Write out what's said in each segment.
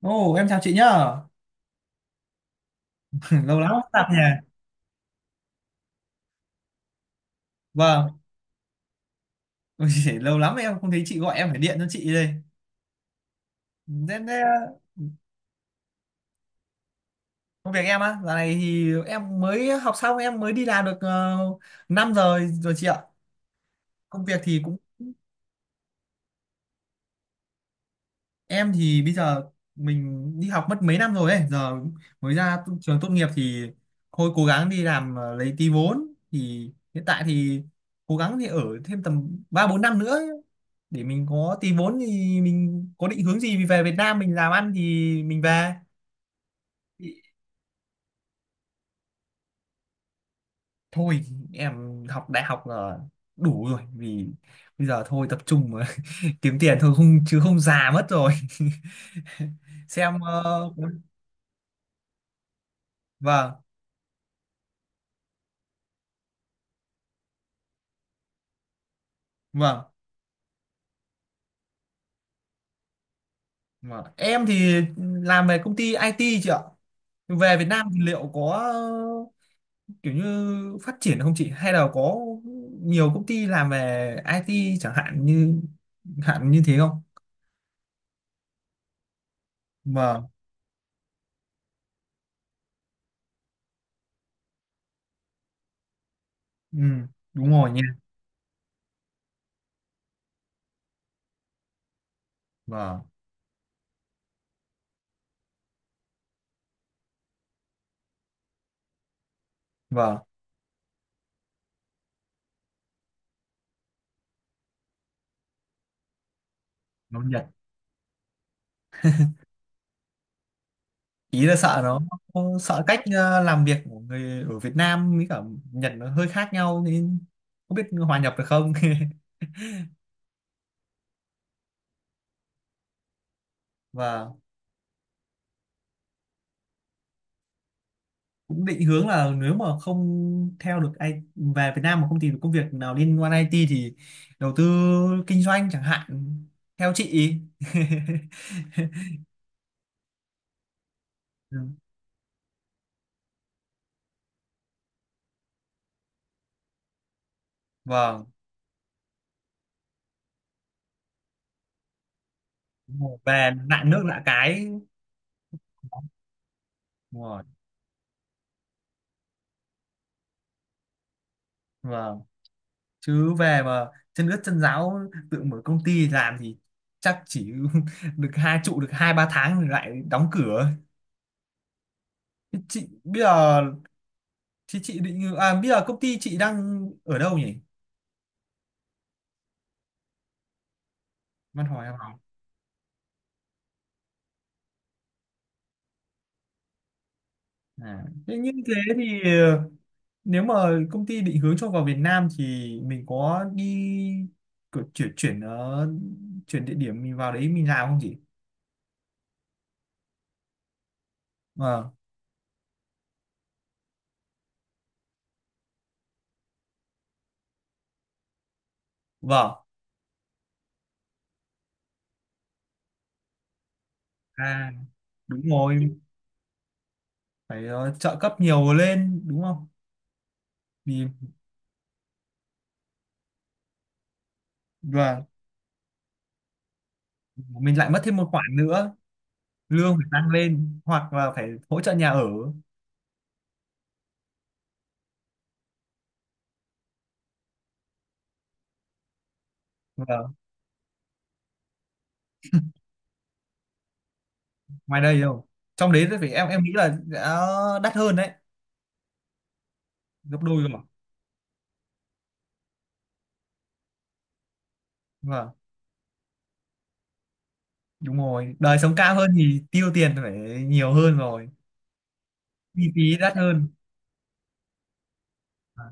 Ồ, em chào chị nhá. Lâu lắm không gặp nhỉ. Vâng. Ôi giời, lâu lắm em không thấy chị gọi, em phải điện cho chị đây. Thế công việc em á, giờ này thì em mới học xong, em mới đi làm được uh, 5 giờ rồi chị ạ. Công việc thì cũng em thì bây giờ mình đi học mất mấy năm rồi ấy, giờ mới ra trường tốt nghiệp thì thôi, cố gắng đi làm lấy tí vốn. Thì hiện tại thì cố gắng thì ở thêm tầm 3 4 năm nữa ấy, để mình có tí vốn thì mình có định hướng gì về Việt Nam mình làm ăn thì mình về. Thôi, em học đại học là đủ rồi, vì bây giờ thôi tập trung mà kiếm tiền thôi, không chứ không già mất rồi. Xem vâng vâng. Vâng. Em thì làm về công ty IT chị ạ. Về Việt Nam thì liệu có kiểu như phát triển không chị? Hay là có nhiều công ty làm về IT chẳng hạn như thế không? Vâng, ừ, đúng rồi nha. Vâng, vâng, nó Nhật. Ý là sợ nó sợ cách làm việc của người ở Việt Nam với cả Nhật nó hơi khác nhau, nên không biết hòa nhập được không. Vâng. Cũng định hướng là nếu mà không theo được ai, về Việt Nam mà không tìm được công việc nào liên quan IT thì đầu tư kinh doanh chẳng hạn, theo chị. Ừ, vâng, về lạ nước lạ cái. Đúng rồi. Vâng, chứ về mà chân ướt chân ráo tự mở công ty làm thì chắc chỉ được 2 3 tháng rồi lại đóng cửa. Thế chị bây giờ thì chị định, à, bây giờ công ty chị đang ở đâu nhỉ? Văn hỏi em. À, thế như thế thì nếu mà công ty định hướng cho vào Việt Nam thì mình có đi chuyển chuyển ờ, chuyển địa điểm mình vào đấy mình làm không chị? Vâng, vâng. À, đúng rồi, phải trợ cấp nhiều lên đúng không? Vì và mình lại mất thêm một khoản nữa, lương phải tăng lên hoặc là phải hỗ trợ nhà ở. Vâng, ngoài đây đâu. Trong đấy thì phải em nghĩ là đã đắt hơn đấy, gấp đôi cơ mà. Vâng. Đúng rồi, đời sống cao hơn thì tiêu tiền phải nhiều hơn rồi, chi phí đắt hơn. À,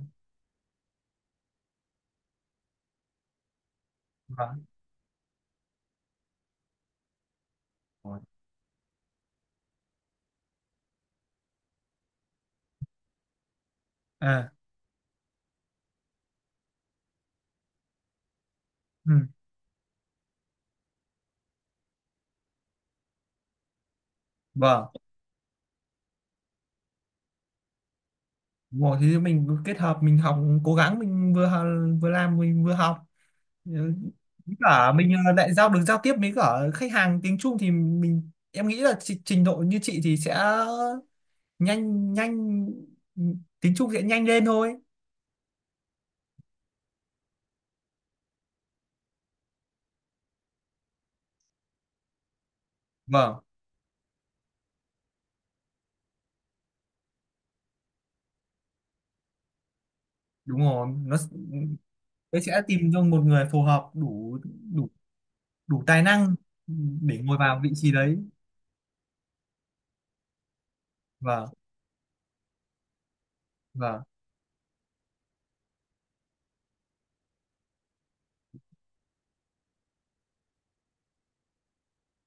vâng, à, ừ, vâng, đúng rồi. Thì mình cứ kết hợp mình học cố gắng, mình vừa học- vừa làm, mình vừa học. Ừ, với cả mình lại giao được giao tiếp với cả khách hàng tiếng Trung thì mình em nghĩ là trình độ như chị thì sẽ nhanh nhanh tiếng Trung sẽ nhanh lên thôi. Vâng, đúng rồi nó s-, đấy sẽ tìm cho một người phù hợp đủ đủ đủ tài năng để ngồi vào vị trí đấy. Vâng, vâng,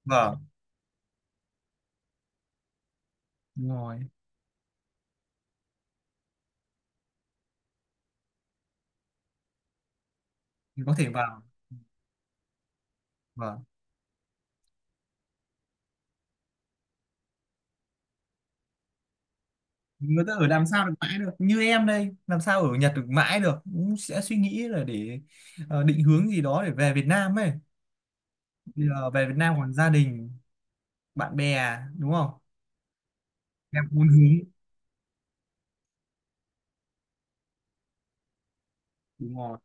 vâng, đúng rồi, thì có thể vào. Vâng, người ta ở làm sao được mãi được, như em đây làm sao ở Nhật được mãi được, cũng sẽ suy nghĩ là để định hướng gì đó để về Việt Nam ấy. Bây giờ về Việt Nam còn gia đình bạn bè đúng không, em muốn hướng. Đúng rồi,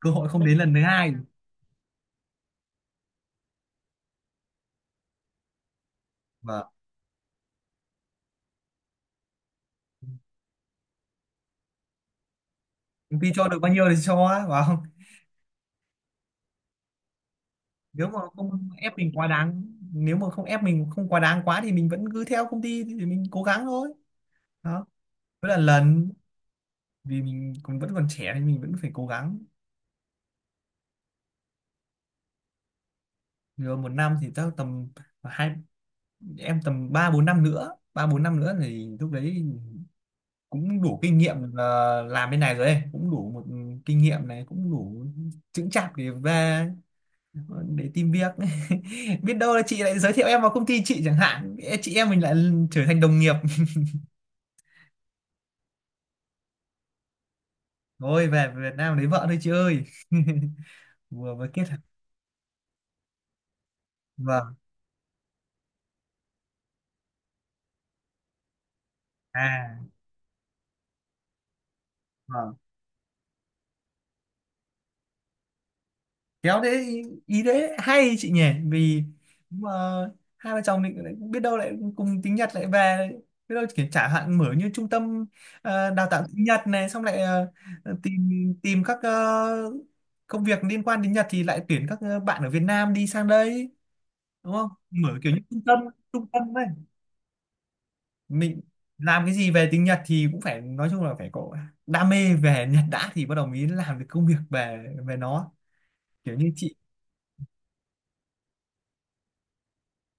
cơ hội không đến lần thứ 2. Vâng, công ty cho được bao nhiêu thì cho á, phải không, nếu mà không ép mình quá đáng. Nếu mà không ép mình không quá đáng quá thì mình vẫn cứ theo công ty, thì mình cố gắng thôi. Đó, cứ là lần, vì mình cũng vẫn còn trẻ nên mình vẫn phải cố gắng. Rồi một năm thì chắc tầm hai, em tầm 3 4 năm nữa 3 4 năm nữa thì lúc đấy cũng đủ kinh nghiệm là làm bên này rồi ấy, cũng đủ một kinh nghiệm này cũng đủ chững chạc để về, để tìm việc. Biết đâu là chị lại giới thiệu em vào công ty chị chẳng hạn, chị em mình lại trở thành đồng nghiệp. Thôi về Việt Nam lấy vợ thôi chị ơi. Vừa mới kết hợp, vâng, à, vâng, khéo đấy, ý, ý đấy hay chị nhỉ. Vì mà hai vợ chồng định, lại biết đâu lại cùng tiếng Nhật lại về, biết đâu kiểu chẳng hạn mở như trung tâm, đào tạo tiếng Nhật này, xong lại tìm tìm các công việc liên quan đến Nhật thì lại tuyển các bạn ở Việt Nam đi sang đây đúng không, mở kiểu như trung tâm, trung tâm ấy. Mình làm cái gì về tiếng Nhật thì cũng phải nói chung là phải có đam mê về Nhật đã thì bắt đầu mới làm được công việc về về nó, kiểu như chị.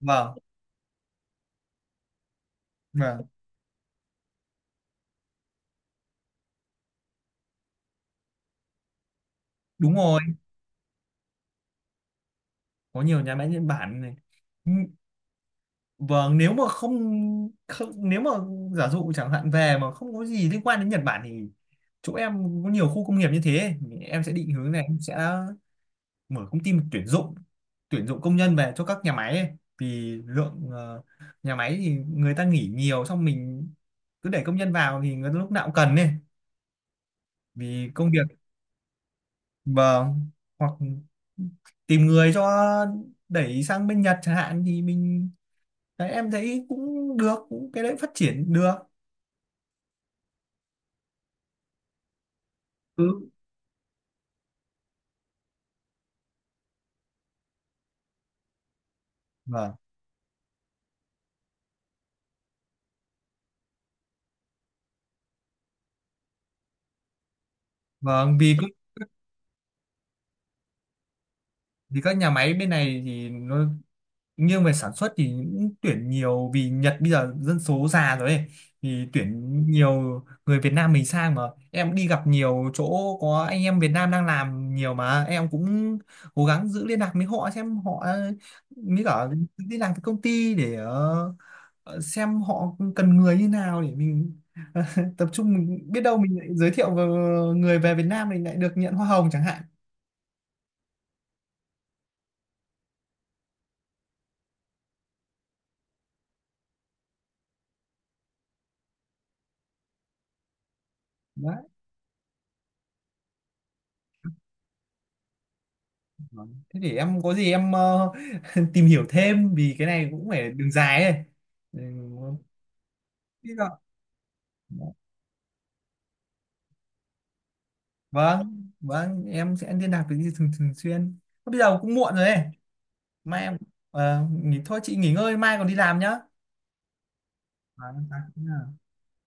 Vâng, vâng, đúng rồi, có nhiều nhà máy Nhật Bản này. N-, vâng, nếu mà không, không, nếu mà giả dụ chẳng hạn về mà không có gì liên quan đến Nhật Bản thì chỗ em có nhiều khu công nghiệp như thế, em sẽ định hướng này, em sẽ mở công ty mà tuyển dụng công nhân về cho các nhà máy ấy. Vì lượng nhà máy thì người ta nghỉ nhiều, xong mình cứ để công nhân vào thì người ta lúc nào cũng cần ấy, vì công việc. Vâng, hoặc tìm người cho đẩy sang bên Nhật chẳng hạn thì mình, đấy, em thấy cũng được, cũng cái đấy phát triển được. Ừ, vâng, vâng, vì các nhà máy bên này thì nó nghiêng về sản xuất thì cũng tuyển nhiều, vì Nhật bây giờ dân số già rồi ấy, thì tuyển nhiều người Việt Nam mình sang mà. Em đi gặp nhiều chỗ có anh em Việt Nam đang làm nhiều, mà em cũng cố gắng giữ liên lạc với họ xem họ mới cả đi làm cái công ty để xem họ cần người như nào để mình tập trung, mình biết đâu mình lại giới thiệu vào người về Việt Nam mình lại được nhận hoa hồng chẳng hạn, đấy. Vâng, thế để em có gì em tìm hiểu thêm, vì cái này cũng phải đường dài ấy. Ừ, biết rồi. Vâng vâng em sẽ liên lạc với chị thường thường xuyên. Bây giờ cũng muộn rồi ấy, mai em nghỉ thôi, chị nghỉ ngơi mai còn đi làm nhá. Vâng, vâng.